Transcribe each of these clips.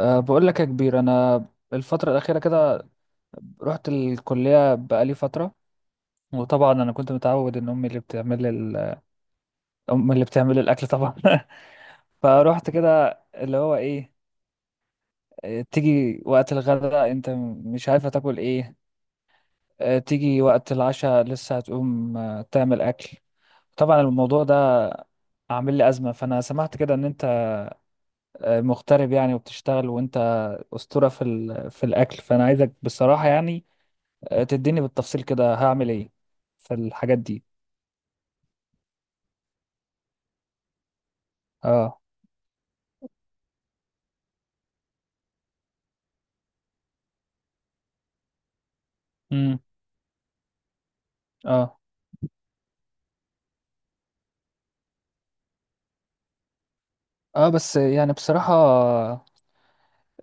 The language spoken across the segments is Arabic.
بقول لك يا كبير، انا الفتره الاخيره كده رحت الكليه بقالي فتره. وطبعا انا كنت متعود ان امي اللي بتعمل لي امي اللي بتعمل لي الاكل طبعا. فروحت كده اللي هو ايه، تيجي وقت الغداء انت مش عارفه تاكل ايه، تيجي وقت العشاء لسه هتقوم تعمل اكل. طبعا الموضوع ده عامل لي ازمه. فانا سمعت كده ان انت مغترب يعني وبتشتغل، وانت اسطوره في الاكل. فانا عايزك بصراحه، يعني تديني بالتفصيل كده هعمل ايه في الحاجات دي. اه. امم. اه. اه بس يعني بصراحة،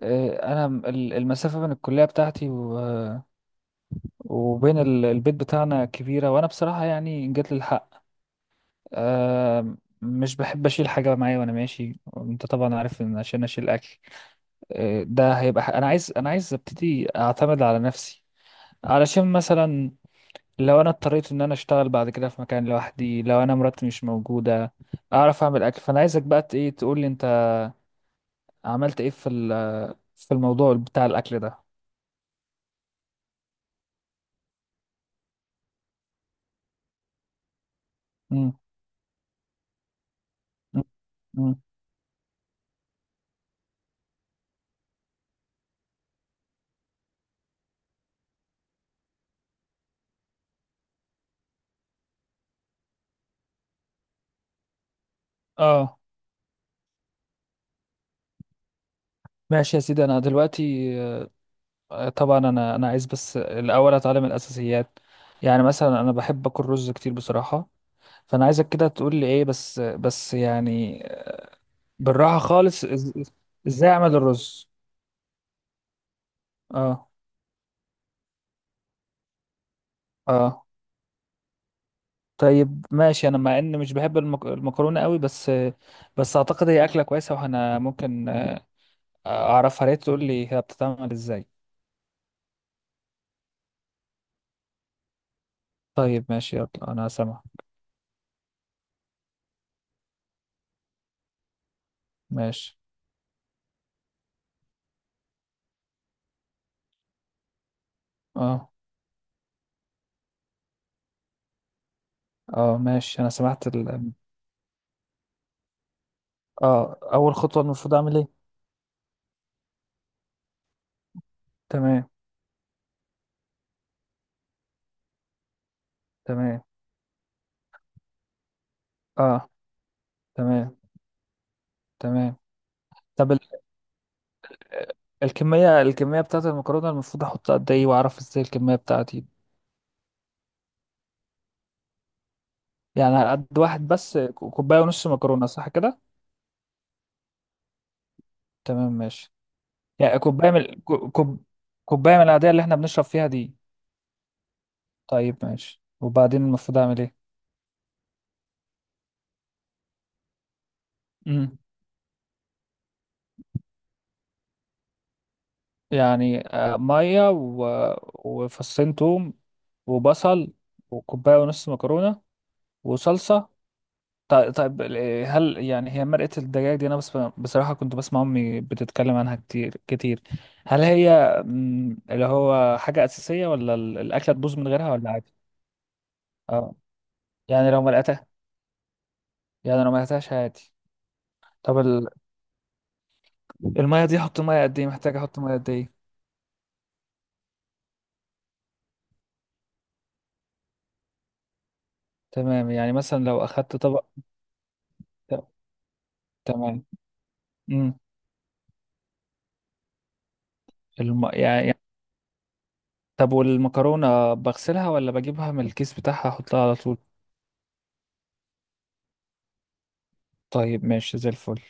انا المسافة بين الكلية بتاعتي وبين البيت بتاعنا كبيرة. وانا بصراحة يعني إن جات للحق، آه، مش بحب اشيل حاجة معايا وانا ماشي. انت طبعا عارف ان عشان اشيل اكل، ده هيبقى انا عايز ابتدي اعتمد على نفسي. علشان مثلا لو انا اضطريت ان انا اشتغل بعد كده في مكان لوحدي، لو انا مراتي مش موجوده اعرف اعمل اكل. فانا عايزك بقى ايه تقول لي انت عملت ايه في في الموضوع بتاع الاكل ده. امم. امم. اه. ماشي يا سيدي. انا دلوقتي طبعا انا عايز بس الاول اتعلم الاساسيات. يعني مثلا انا بحب اكل رز كتير بصراحه، فانا عايزك كده تقول لي ايه، بس بس يعني بالراحه خالص. ازاي اعمل الرز؟ اه. اه. طيب ماشي، انا مع اني مش بحب المكرونه قوي، بس بس اعتقد هي اكله كويسه وانا ممكن اعرفها. ليه تقول لي هي بتتعمل ازاي؟ طيب ماشي، يلا انا سامع. ماشي. اه. اه. ماشي انا سمعت اه، اول خطوه المفروض اعمل ايه؟ تمام. تمام. اه. تمام. تمام. طب الكميه بتاعت المكرونه المفروض احط قد ايه، واعرف ازاي الكميه بتاعتي؟ يعني على قد واحد بس، كوبايه ونص مكرونه صح كده؟ تمام ماشي. يعني كوباية كوباية من العادية اللي احنا بنشرب فيها دي؟ طيب ماشي، وبعدين المفروض اعمل ايه؟ امم. يعني مية وفصين توم وبصل وكوباية ونص مكرونة وصلصة. طيب، طيب هل يعني هي مرقة الدجاج دي، انا بس بصراحة كنت بسمع امي بتتكلم عنها كتير كتير، هل هي اللي هو حاجة أساسية، ولا الأكلة تبوظ من غيرها، ولا عادي؟ اه، يعني لو مرقتها يعني لو مرقتهاش عادي؟ طب المية دي احط مية قد ايه، محتاج احط مية قد ايه؟ تمام. يعني مثلا لو اخدت طبق. ت- تمام. امم. يعني طب، والمكرونة بغسلها، ولا بجيبها من الكيس بتاعها احطها على طول؟ طيب ماشي، زي الفل.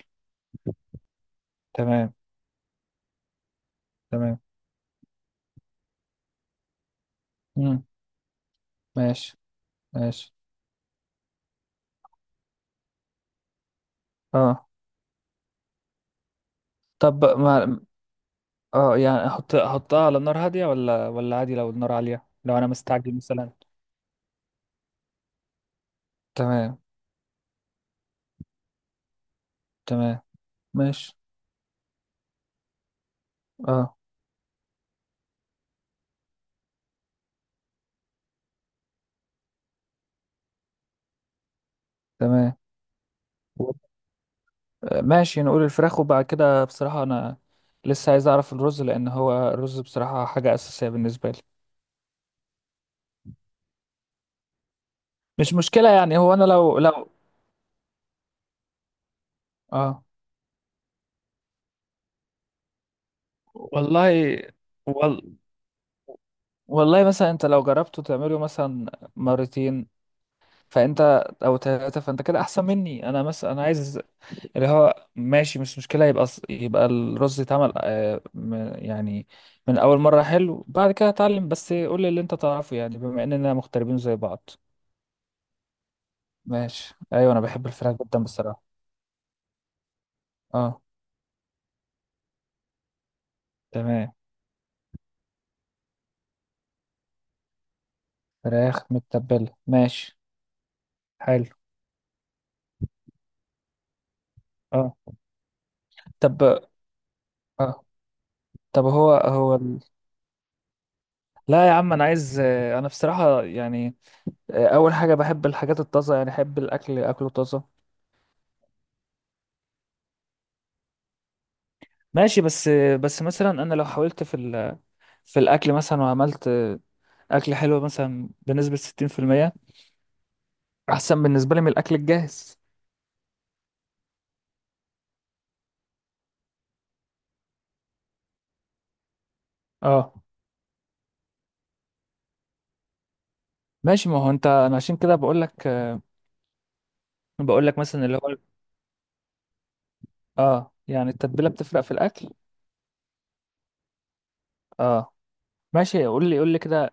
تمام. تمام. امم. ماشي. ماشي. اه. طب ما. اه يعني احطها على نار هادية، ولا ولا عادي لو النار عالية لو انا مستعجل مثلا؟ تمام. تمام. ماشي. اه. تمام. ماشي، نقول الفراخ. وبعد كده بصراحة أنا لسه عايز أعرف الرز، لأن هو الرز بصراحة حاجة أساسية بالنسبة لي. مش مشكلة يعني، هو أنا لو آه والله. وال... والله مثلا أنت لو جربته تعمله مثلا مرتين فأنت، أو ثلاثة فأنت كده أحسن مني. أنا مثلا أنا عايز اللي هو ماشي، مش مشكلة. يبقى يبقى الرز يتعمل يعني من أول مرة حلو. بعد كده أتعلم، بس قول لي اللي أنت تعرفه يعني، بما إننا مغتربين زي بعض. ماشي ايوه، انا بحب الفراخ جدا بصراحه. اه. تمام. فراخ متبله ماشي. حلو. اه. طب. اه هو هو لا يا عم، انا عايز انا بصراحه يعني اول حاجه بحب الحاجات الطازه، يعني احب الاكل اكله طازه. ماشي بس، مثلا انا لو حاولت في في الاكل مثلا، وعملت اكل حلو مثلا بنسبه 60%، احسن بالنسبه لي من الاكل الجاهز. اه ماشي. ما هو انت، انا عشان كده بقول لك، مثلا اللي هو، اه يعني التتبيلة بتفرق في الأكل. اه ماشي، قول لي قول لي كده.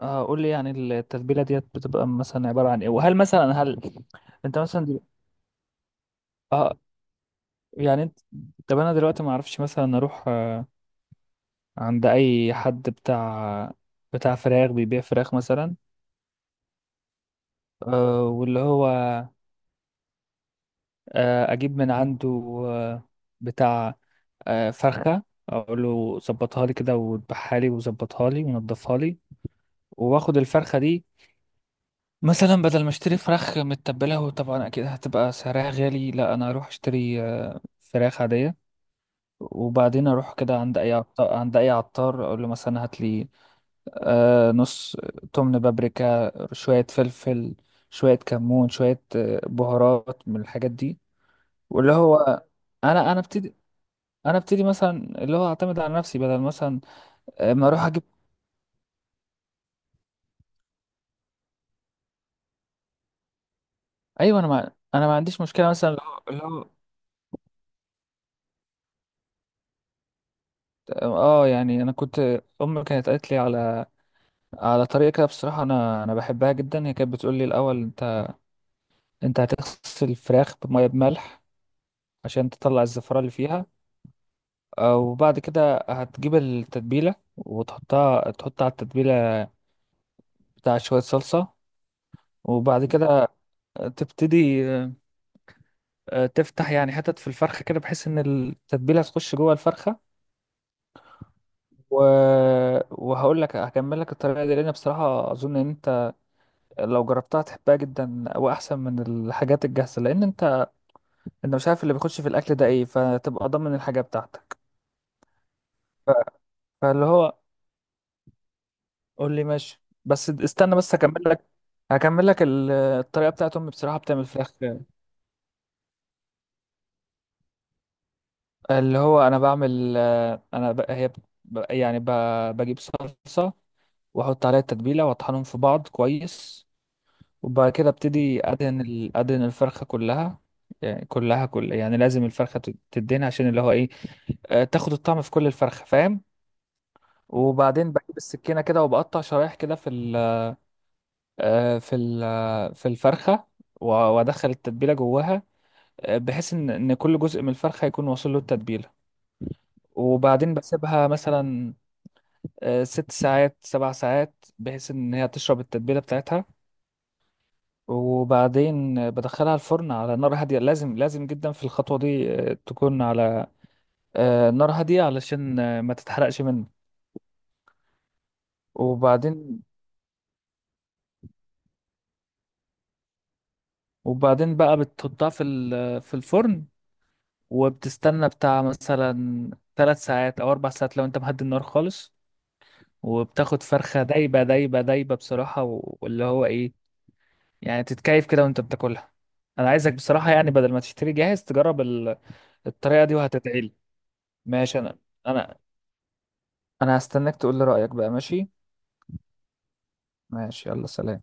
اه، قول لي يعني التتبيلة ديت بتبقى مثلا عبارة عن ايه، وهل مثلا هل انت مثلا اه يعني انت، طب انا دلوقتي ما اعرفش مثلا اروح آه عند اي حد بتاع فراخ بيبيع فراخ مثلا واللي هو اجيب من عنده آه بتاع فرخة، اقول له ظبطها لي كده، وذبحها لي وظبطها لي ونضفها لي. واخد الفرخة دي مثلا بدل ما اشتري فراخ متبلة، وطبعا اكيد هتبقى سعرها غالي. لا، انا اروح اشتري فراخ عادية، وبعدين اروح كده عند اي عطار، عند اي عطار اقول له مثلا هات لي نص تمن بابريكا، شوية فلفل، شوية كمون، شوية بهارات من الحاجات دي. واللي هو انا انا ابتدي انا ابتدي مثلا اللي هو اعتمد على نفسي، بدل مثلا ما اروح اجيب. ايوه، انا ما عنديش مشكلة مثلا اللي هو، اه يعني انا كنت امي كانت قالت لي على طريقة كده بصراحة، أنا بحبها جدا. هي كانت بتقول لي الأول، أنت هتغسل الفراخ بمية بملح عشان تطلع الزفرة اللي فيها. وبعد كده هتجيب التتبيلة وتحطها، على التتبيلة بتاع شوية صلصة. وبعد كده تبتدي تفتح يعني حتت في الفرخة كده، بحيث إن التتبيلة تخش جوه الفرخة. و... وهقول لك هكمل لك الطريقة دي، لأن بصراحة أظن إن أنت لو جربتها هتحبها جدا، وأحسن من الحاجات الجاهزة. لأن أنت، انت مش عارف اللي بيخش في الاكل ده ايه، فتبقى ضامن الحاجه بتاعتك. ف- فاللي هو قول لي. ماشي بس استنى، بس هكمل لك. هكمل لك الطريقه بتاعت امي بصراحه بتعمل فراخ. اللي هو انا بعمل آه، انا ب... هي ب... بجيب صلصه، واحط عليها التتبيله، واطحنهم في بعض كويس. وبعد كده ابتدي ادهن ادهن الفرخه كلها. يعني كلها، يعني لازم الفرخه تدهن، عشان اللي هو ايه، تاخد الطعم في كل الفرخه، فاهم؟ وبعدين بجيب السكينة كده وبقطع شرايح كده في ال آه، في ال آه، في الفرخة، وأدخل التتبيلة جواها، بحيث إن كل جزء من الفرخة يكون واصل له التتبيلة. وبعدين بسيبها مثلا 6 ساعات 7 ساعات، بحيث إن هي تشرب التتبيلة بتاعتها. وبعدين بدخلها الفرن على نار هادية. لازم لازم جدا في الخطوة دي تكون على نار هادية، علشان ما تتحرقش منه. وبعدين وبعدين بقى بتحطها في في الفرن، وبتستنى بتاع مثلا 3 ساعات او 4 ساعات لو انت مهدي النار خالص. وبتاخد فرخة دايبة دايبة دايبة بصراحة، واللي هو ايه، يعني تتكيف كده وانت بتاكلها. انا عايزك بصراحة يعني بدل ما تشتري جاهز، تجرب الطريقة دي وهتدعيلي. ماشي. انا انا هستناك تقول لي رأيك بقى. ماشي. ماشي يلا. سلام.